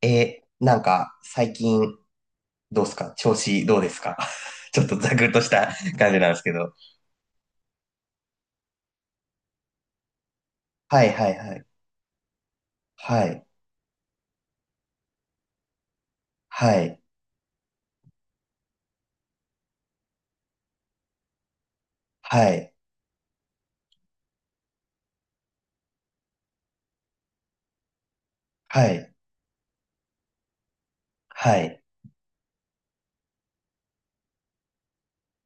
なんか、最近、どうですか？調子どうですか？ ちょっとざくっとした感じなんですけど。はいはいはい。はい。はい。はい。はい。はい。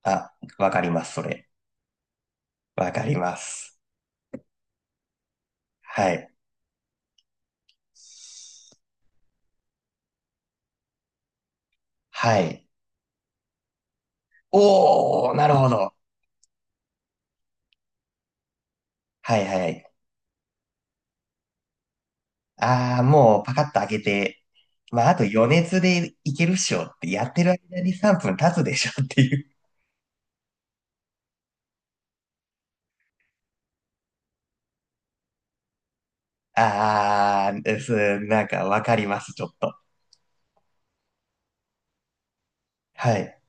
あ、わかります、それ。わかります。はい。はい。おー、なるほど。はいはい。あー、もうパカッと開けて、まあ、あと余熱でいけるっしょって、やってる間に3分経つでしょっていう。あー、です、なんかわかります、ちょっと。はい。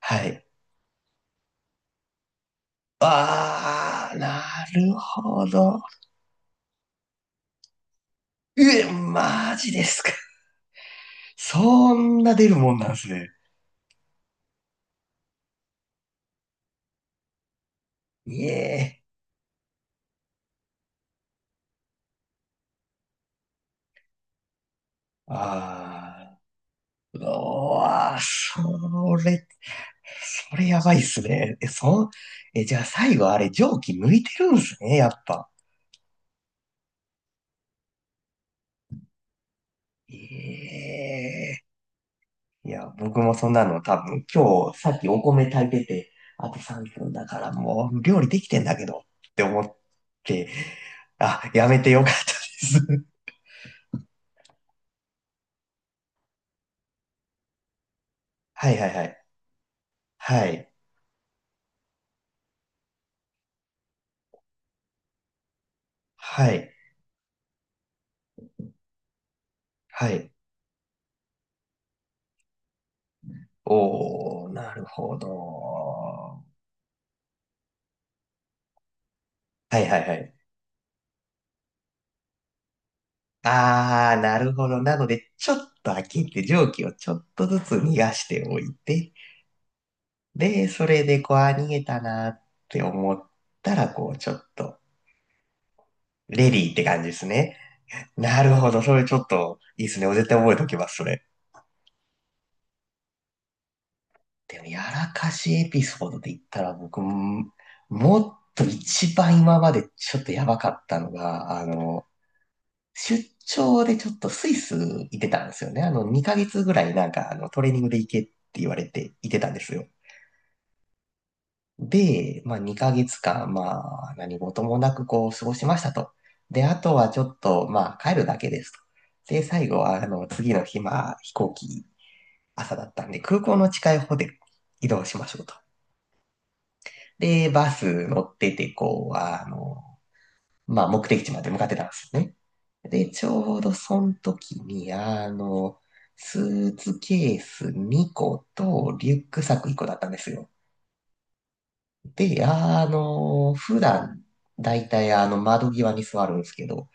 はい。あー、なるほど。え、マジですか？そんな出るもんなんですね。いえ。あー、うわー、それ、それやばいっすね。え、そん、え、じゃあ最後あれ蒸気抜いてるんですね、やっぱ。ええ。いや、僕もそんなの多分今日さっきお米炊いてて、あと3分だからもう料理できてんだけどって思って、あ、やめてよかったです。はいはいはい。はい。はい。はい。おー、なるほど。はいはいはい。あー、なるほど。なので、ちょっと開けて、蒸気をちょっとずつ逃がしておいて、で、それで、こう、あ、逃げたなって思ったら、こう、ちょっと、レディーって感じですね。なるほど。それちょっと、いいですね。絶対覚えておきます、それ。でも、やらかしエピソードで言ったら、僕、もっと一番今までちょっとやばかったのが、出張でちょっとスイス行ってたんですよね。あの、2ヶ月ぐらいなんか、トレーニングで行けって言われて行ってたんですよ。で、まあ、2ヶ月間、まあ、何事もなくこう、過ごしましたと。で、あとはちょっと、まあ、帰るだけですと。で、最後は、次の日、まあ、飛行機、朝だったんで、空港の近いホテル移動しましょうと。で、バス乗ってて、こう、あの、まあ、目的地まで向かってたんですよね。で、ちょうどその時に、スーツケース2個とリュックサック1個だったんですよ。で、あの、普段、だいたいあの、窓際に座るんですけど、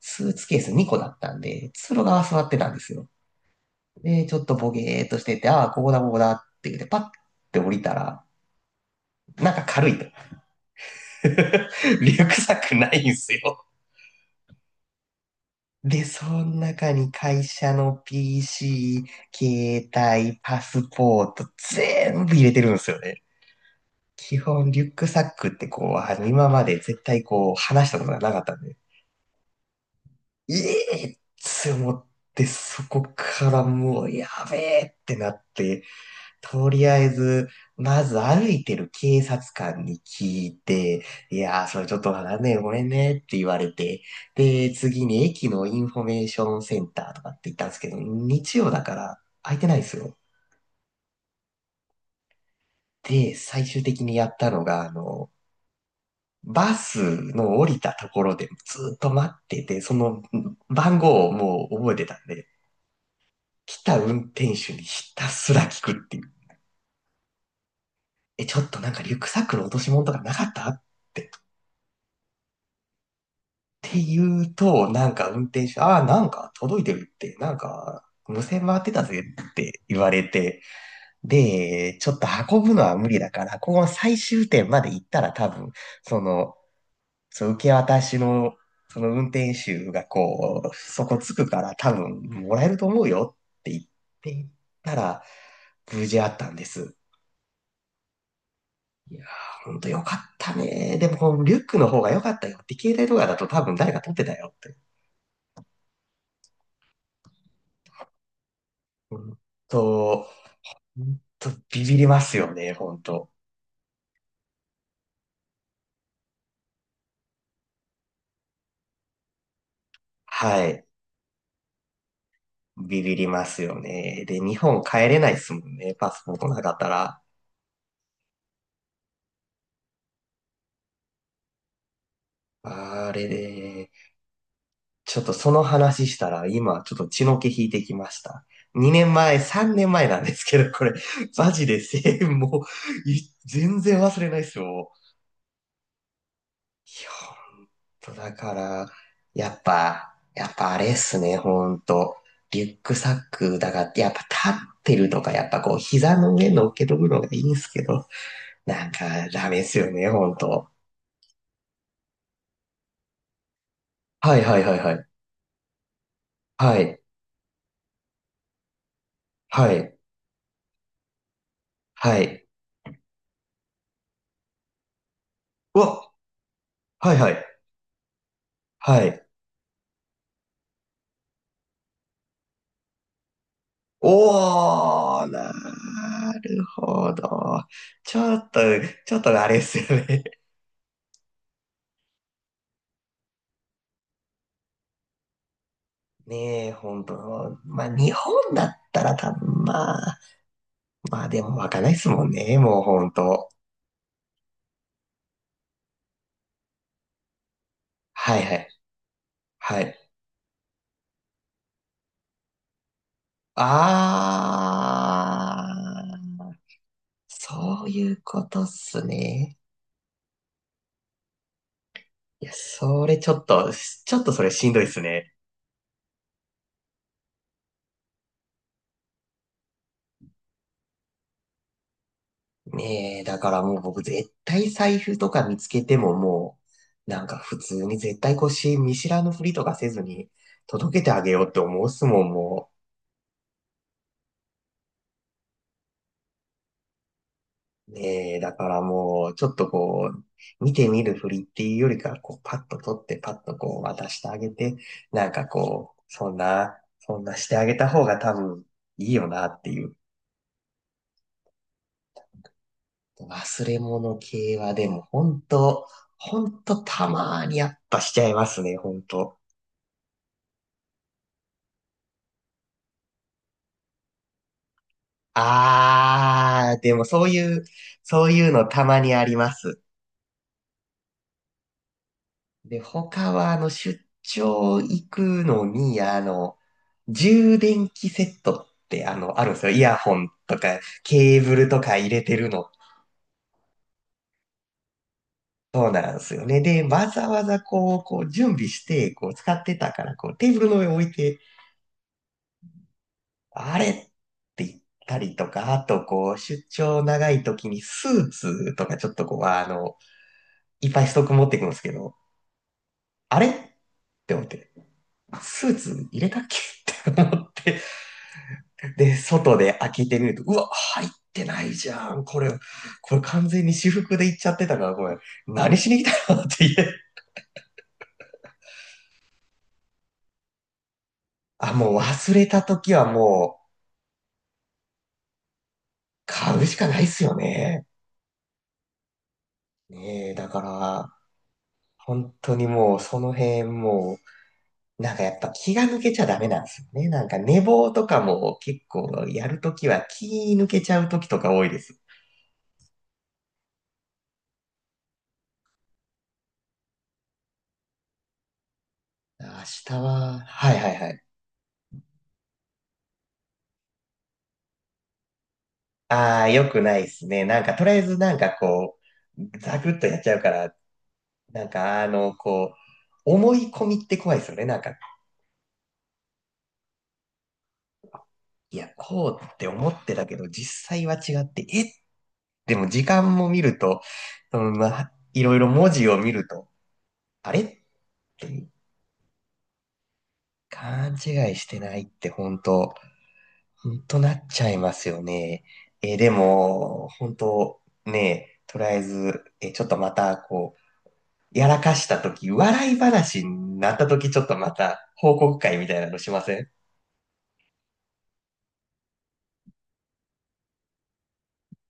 スーツケース2個だったんで、通路側座ってたんですよ。で、ちょっとボゲーっとしてて、ああ、ここだ、ここだって言って、パッて降りたら、なんか軽いと。リュックサックないんすよ。で、その中に会社の PC、携帯、パスポート、全部入れてるんですよね。基本、リュックサックってこう、あの、今まで絶対こう、話したことがなかったんで、ええって思って、そこからもう、やべえってなって、とりあえず、まず歩いてる警察官に聞いて、いやー、それちょっとわかんねえ、ごめんねって言われて、で、次に駅のインフォメーションセンターとかって言ったんですけど、日曜だから空いてないんですよ。で、最終的にやったのが、バスの降りたところでずっと待ってて、その番号をもう覚えてたんで、来た運転手にひたすら聞くっていう。え、ちょっとなんかリュックサックの落とし物とかなかったってて言うと、なんか運転手、ああ、なんか届いてるって、なんか無線回ってたぜって言われて、で、ちょっと運ぶのは無理だから、この最終点まで行ったら多分、その、その受け渡しの、その運転手がこう、そこ着くから多分もらえると思うよって言って行ったら、無事あったんです。いやー、ほんとよかったね。でも、リュックの方が良かったよって、携帯とかだと多分誰か取ってたよって。うんと、ほんとビビりますよね、ほんと。はい。ビビりますよね。で、日本帰れないですもんね、パスポートなかったら。あれで、ちょっとその話したら、今ちょっと血の気引いてきました。2年前、3年前なんですけど、これ、マジで1もう、い全然忘れないですよ。いやとだから、やっぱあれっすね、ほんと。リュックサックだから、やっぱ立ってるとか、やっぱこう、膝の上乗っけとくのがいいんすけど、なんかダメっすよね、ほんと。はいはいはいはい。はい。はい。はい。うわ、はいはい。はい。おー、なるほど。ちょっと、ちょっとあれっすよね。ねえ、ほんと。まあ、日本だったら多分まあ、まあでも湧かないっすもんね、もうほんと。はいはい。はい。あー、そういうことっすね。いや、それちょっと、ちょっとそれしんどいっすね。ねえ、だからもう僕絶対財布とか見つけてももう、なんか普通に絶対腰見知らぬふりとかせずに届けてあげようって思うっすもん、もう。ねえ、だからもう、ちょっとこう、見てみるふりっていうよりかは、こう、パッと取って、パッとこう、渡してあげて、なんかこう、そんなしてあげた方が多分いいよなっていう。忘れ物系はでも、本当たまーにやっぱしちゃいますね、本当。あー、でもそういうのたまにあります。で、他は、あの、出張行くのに、充電器セットって、あの、あるんですよ。イヤホンとか、ケーブルとか入れてるの。そうなんですよね。で、わざわざこう、こう、準備して、こう、使ってたから、こう、テーブルの上置いて、あれって言ったりとか、あと、こう、出張長い時にスーツとか、ちょっとこう、あの、いっぱいストック持っていくんですけど、あれって思って、スーツ入れたっけって思ってで、外で開けてみると、うわ、入ってないじゃん。これ、これ完全に私服で行っちゃってたから、これ、何しに来たのって言え。あ、もう忘れた時はもう、買うしかないっすよね。ねえ、だから、本当にもう、その辺もう、なんかやっぱ気が抜けちゃダメなんですよね。なんか寝坊とかも結構やるときは気抜けちゃうときとか多いです。明日は、はいはいはい。ああ、よくないですね。なんか、とりあえずなんかこう、ザクッとやっちゃうから、なんかあの、こう、思い込みって怖いですよね。なんか、いや、こうって思ってたけど、実際は違って、えでも時間も見ると、そのまあ、いろいろ文字を見ると、あれっていう勘違いしてないって本当、本当なっちゃいますよね。えでも、本当ね、とりあえず、えちょっとまたこう、やらかしたとき、笑い話になったとき、ちょっとまた報告会みたいなのしません